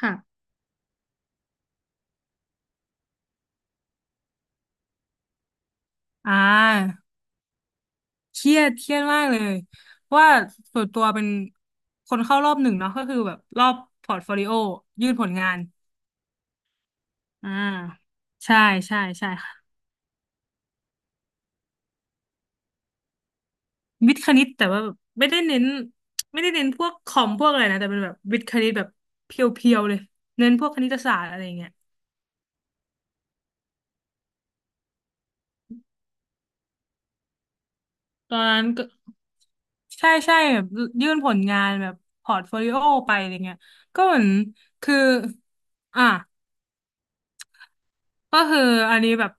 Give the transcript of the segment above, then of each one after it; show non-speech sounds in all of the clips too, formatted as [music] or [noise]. ค่ะอ่าเครียดเครียดมากเลยว่าส่วนตัวเป็นคนเข้ารอบหนึ่งเนาะก็คือแบบรอบพอร์ตโฟลิโอยื่นผลงานอ่าใช่ใช่ใช่ค่ะวิทย์คณิตแต่ว่าแบบไม่ได้เน้นไม่ได้เน้นพวกคอมพวกอะไรนะแต่เป็นแบบวิทย์คณิตแบบเพียวๆเลยเน้นพวกคณิตศาสตร์อะไรอย่างเงี้ยตอนนั้นก็ใช่ใช่แบบยื่นผลงานแบบพอร์ตโฟลิโอไปอะไรเงี้ยก็เหมือนคืออ่ะ ก็คืออันนี้แบบ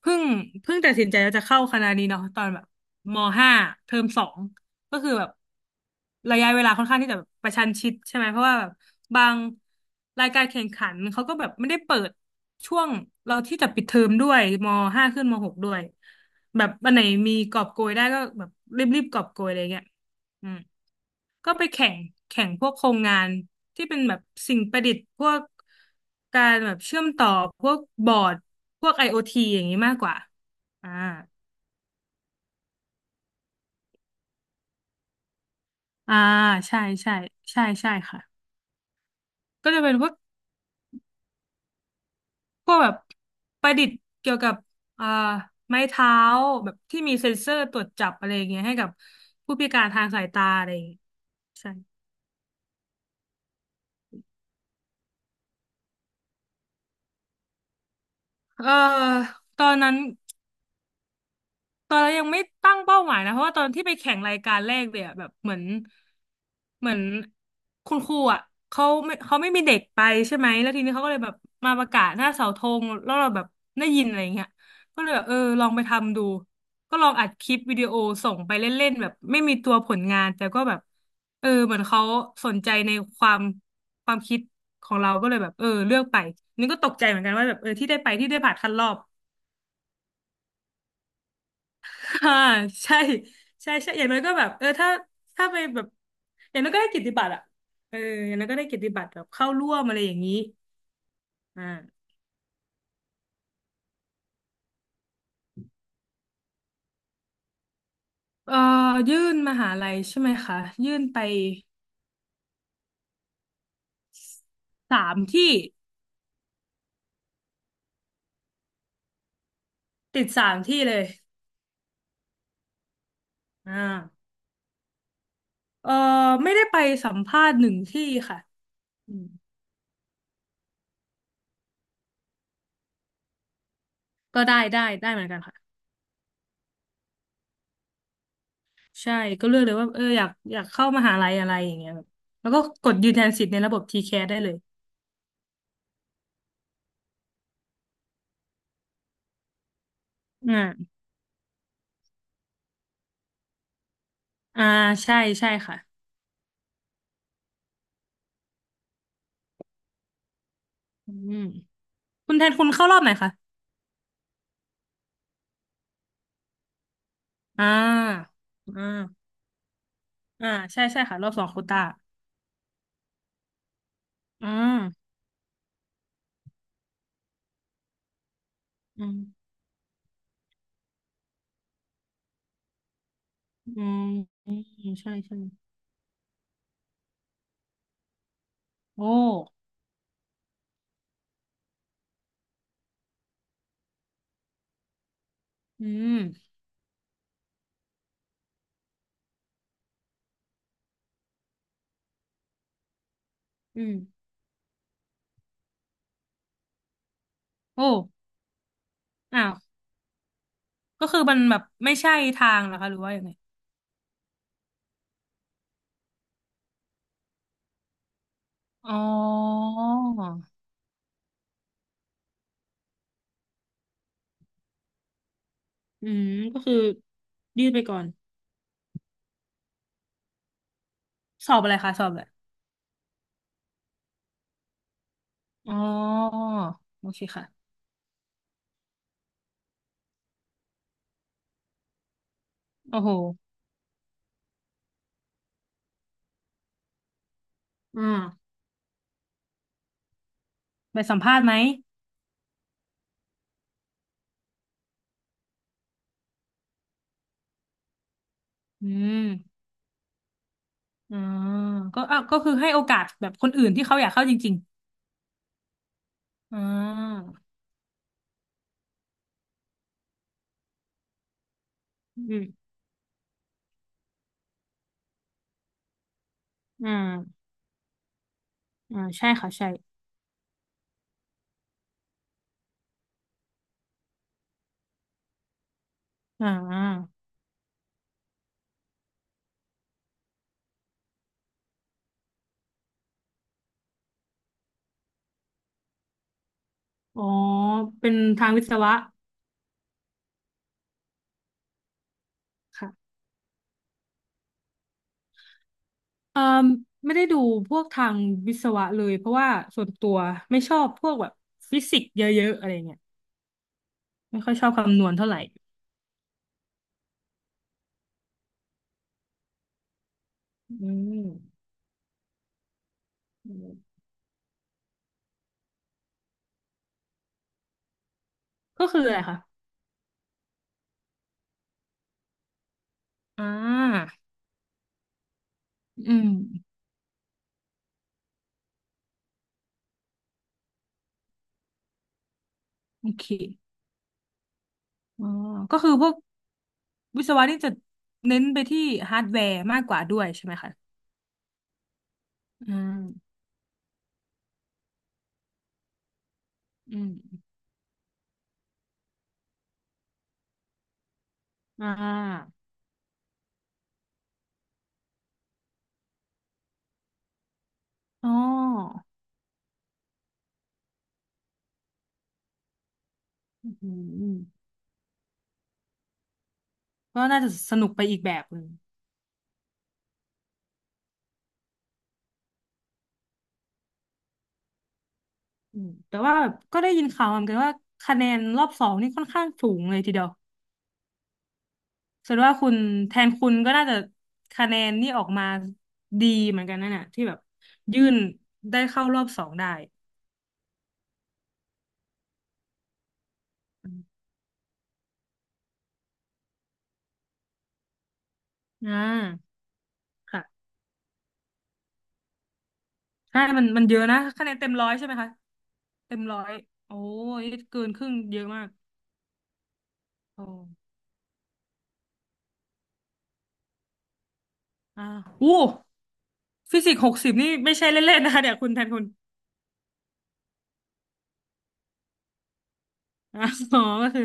เพิ่งเพิ่งตัดสินใจว่าจะเข้าคณะนี้เนาะตอนแบบมห้าเทอมสองก็คือแบบระยะเวลาค่อนข้างที่จะแบบประชันชิดใช่ไหมเพราะว่าแบบบางรายการแข่งขันเขาก็แบบไม่ได้เปิดช่วงเราที่จะปิดเทอมด้วยมห้าขึ้นมหกด้วยแบบวันไหนมีกอบโกยได้ก็แบบรีบๆกอบโกยอะไรเงี้ย อืมก็ไปแข่งแข่งพวกโครงงานที่เป็นแบบสิ่งประดิษฐ์พวกการแบบเชื่อมต่อพวกบอร์ดพวก IoT อโอทีอย่างนี้มากกว่าอ่าอ่าใช่ใช่ใช่ใช่ค่ะก็จะเป็นพวกพวกแบบประดิษฐ์เกี่ยวกับอ่าไม้เท้าแบบที่มีเซ็นเซอร์ตรวจจับอะไรอย่างเงี้ยให้กับผู้พิการทางสายตาอะไรอย่างเงี้ยใช่เอ่อตอนนั้น ตอนเรายังไม่ตั้งเป้าหมายนะเพราะว่าตอนที่ไปแข่งรายการแรกเนี่ยแบบเหมือนเหมือนคุณครูอ่ะเขาไม่เขาไม่มีเด็กไปใช่ไหมแล้วทีนี้เขาก็เลยแบบมาประกาศหน้าเสาธงแล้วเราแบบได้ยินอะไรอย่างเงี้ยก็เลยแบบเออลองไปทำดูก็ลองอัดคลิปวิดีโอส่งไปเล่นๆแบบไม่มีตัวผลงานแต่ก็แบบเออเหมือนเขาสนใจในความความคิดของเราก็เลยแบบเออเลือกไปนี่ก็ตกใจเหมือนกันว่าแบบเออที่ได้ไปที่ได้ผ่านคัดรอบ อ่าใช่ใช่ใช่อย่างน้อยก็แบบเออถ้าถ้าไปแบบอย่างน้อยก็ได้เกิตติบัตรอะเอออย่างน้อยก็ได้เกิตติบัตรแบบเข้าร่วมอะไรอย่างนี้อ่าเอ่อยื่นมหาลัยใช่ไหมคะยื่นไปสามที่ติดสามที่เลยอ่าเอ่อไม่ได้ไปสัมภาษณ์หนึ่งที่ค่ะอืมก็ได้ได้ได้เหมือนกันค่ะใช่ก็เลือกเลยว่าเอออยากอยากเข้ามหาลัยอะไรอย่างเงี้ยแบบแล้วก็กดยืนยันสิทธิ์ในระบบ t แค s ได้เลยอ่าอ่าใช่ใช่ค่ะอืม คุณแทนคุณเข้ารอบไหนคะอ่าอ่าอ่าใช่ใช่ค่ะรอบสองโควต้าอ่าอืมอืมอืมใช่ใช่โอ้อืมอืมโอ้อ้าวก็คือมันแบบไม่ใช่ทางเหรอคะหรือว่ายังไงอ๋ออืมก็คือยืดไปก่อนสอบอะไรคะสอบอะไรอ๋อโอเคค่ะโอ้โหอ่าไปสัมภาษณ์ไหมอืมอ๋อก็อ่ะก็คือให้โอกาสแบบคนอื่นที่เขาอยากเข้าจริง อ่าอืมอ่าอ่าใช่ค่ะใช่อ่าอ๋อ เป็นทางวิศวะค่ะเอ่อไม่ได้ดูพวกทางวิศวะเลยเพราะว่าส่วนตัวไม่ชอบพวกแบบฟิสิกส์เยอะๆอะไรเงี้ยไม่ค่อยชอบคำนวณเท่าไหร่อืมอืมก็คืออะไรคะ อ่าอืม โอเคอ๋อก็คือพวกวิศวะนี่จะเน้นไปที่ฮาร์ดแวร์มากกว่าด้วยใช่ไหมคะอืมอืมอ่าอ๋อ อืมก็น่าจะสนุกไปอีกแบบหนึ่งอืมแต่ว่าแบบก็ได้ยินข่าวมาเหมือนกันว่าคะแนนรอบสองนี่ค่อนข้างสูงเลยทีเดียวแสดงว่าคุณแทนคุณก็น่าจะคะแนนนี่ออกมาดีเหมือนกันนั่นน่ะที่แบบยื่นได้เข้ารอบสองได้อืมอ่าค่ะใช่มันมันเยอะนะคะแนนเต็มร้อยใช่ไหมคะเต็มร้อยโอ้ยเกินครึ่งเยอะมากโอ้อ่าอู้ฟิสิกส์หกสิบนี่ไม่ใช่เล่นๆนะคะเนี่ยคุณแทนคุณ [laughs] อ๋อก็คือ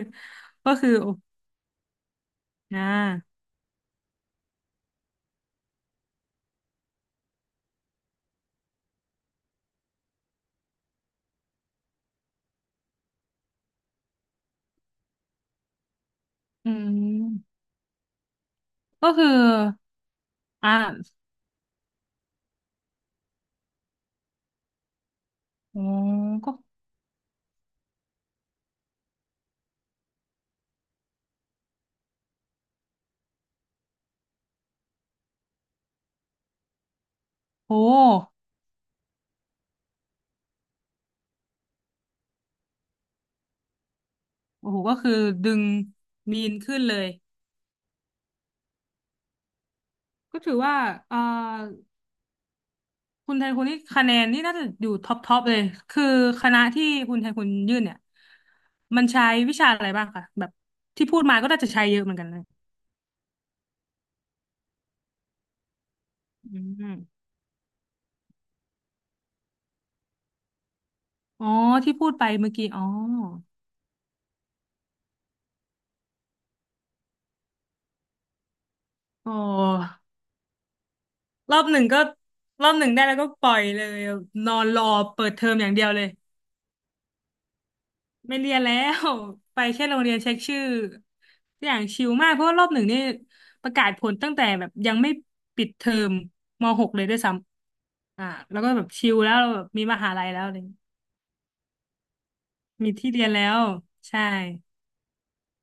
ก็คือโอ้อ่าอืมก็คืออ่าโอ้ก็โหโอ้โหก็คือดึงมีนขึ้นเลย ก็ถือว่าอ่าคุณไทคุณนี่คะแนนนี่น่าจะอยู่ท็อปท็อปเลยคือคณะที่คุณไทคุณยื่นเนี่ยมันใช้วิชาอะไรบ้างคะแบบที่พูดมาก็น่าจะใช้เยอะเหมือนกันนะอืมอ๋อที่พูดไปเมื่อกี้อ๋อโอ้ รอบหนึ่งก็รอบหนึ่งได้แล้วก็ปล่อยเลยนอนรอเปิดเทอมอย่างเดียวเลยไม่เรียนแล้วไปแค่โรงเรียนเช็คชื่ออย่างชิลมากเพราะว่ารอบหนึ่งนี่ประกาศผลตั้งแต่แบบยังไม่ปิดเทอมม .6 เลยด้วยซ้ำแล้วก็แบบชิลแล้วเราแบบมีมหาลัยแล้วะเลยมีที่เรียนแล้วใช่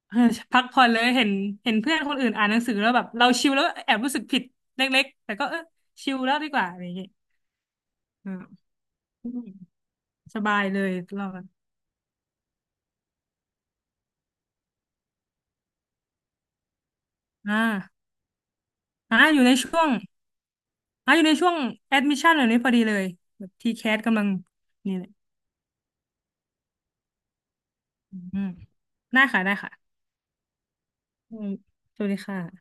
เออพักผ่อนเลยเห็นเห็นเพื่อนคนอื่นอ่านหนังสือแล้วแบบเราชิลแล้วแอบรู้สึกผิดเล็กๆแต่ก็เออชิลแล้วดีกว่าอะไรอย่างเงี้ยอืมสบายเลยรอบ อ่าอ่าอยู่ในช่วงอยู่ในช่วงแอดมิชชั่นแบบนี้พอดีเลยแบบทีแคสกำลังนี่แหละอืมได้ค่ะได้ค่ะอืมสวัสดีค่ะ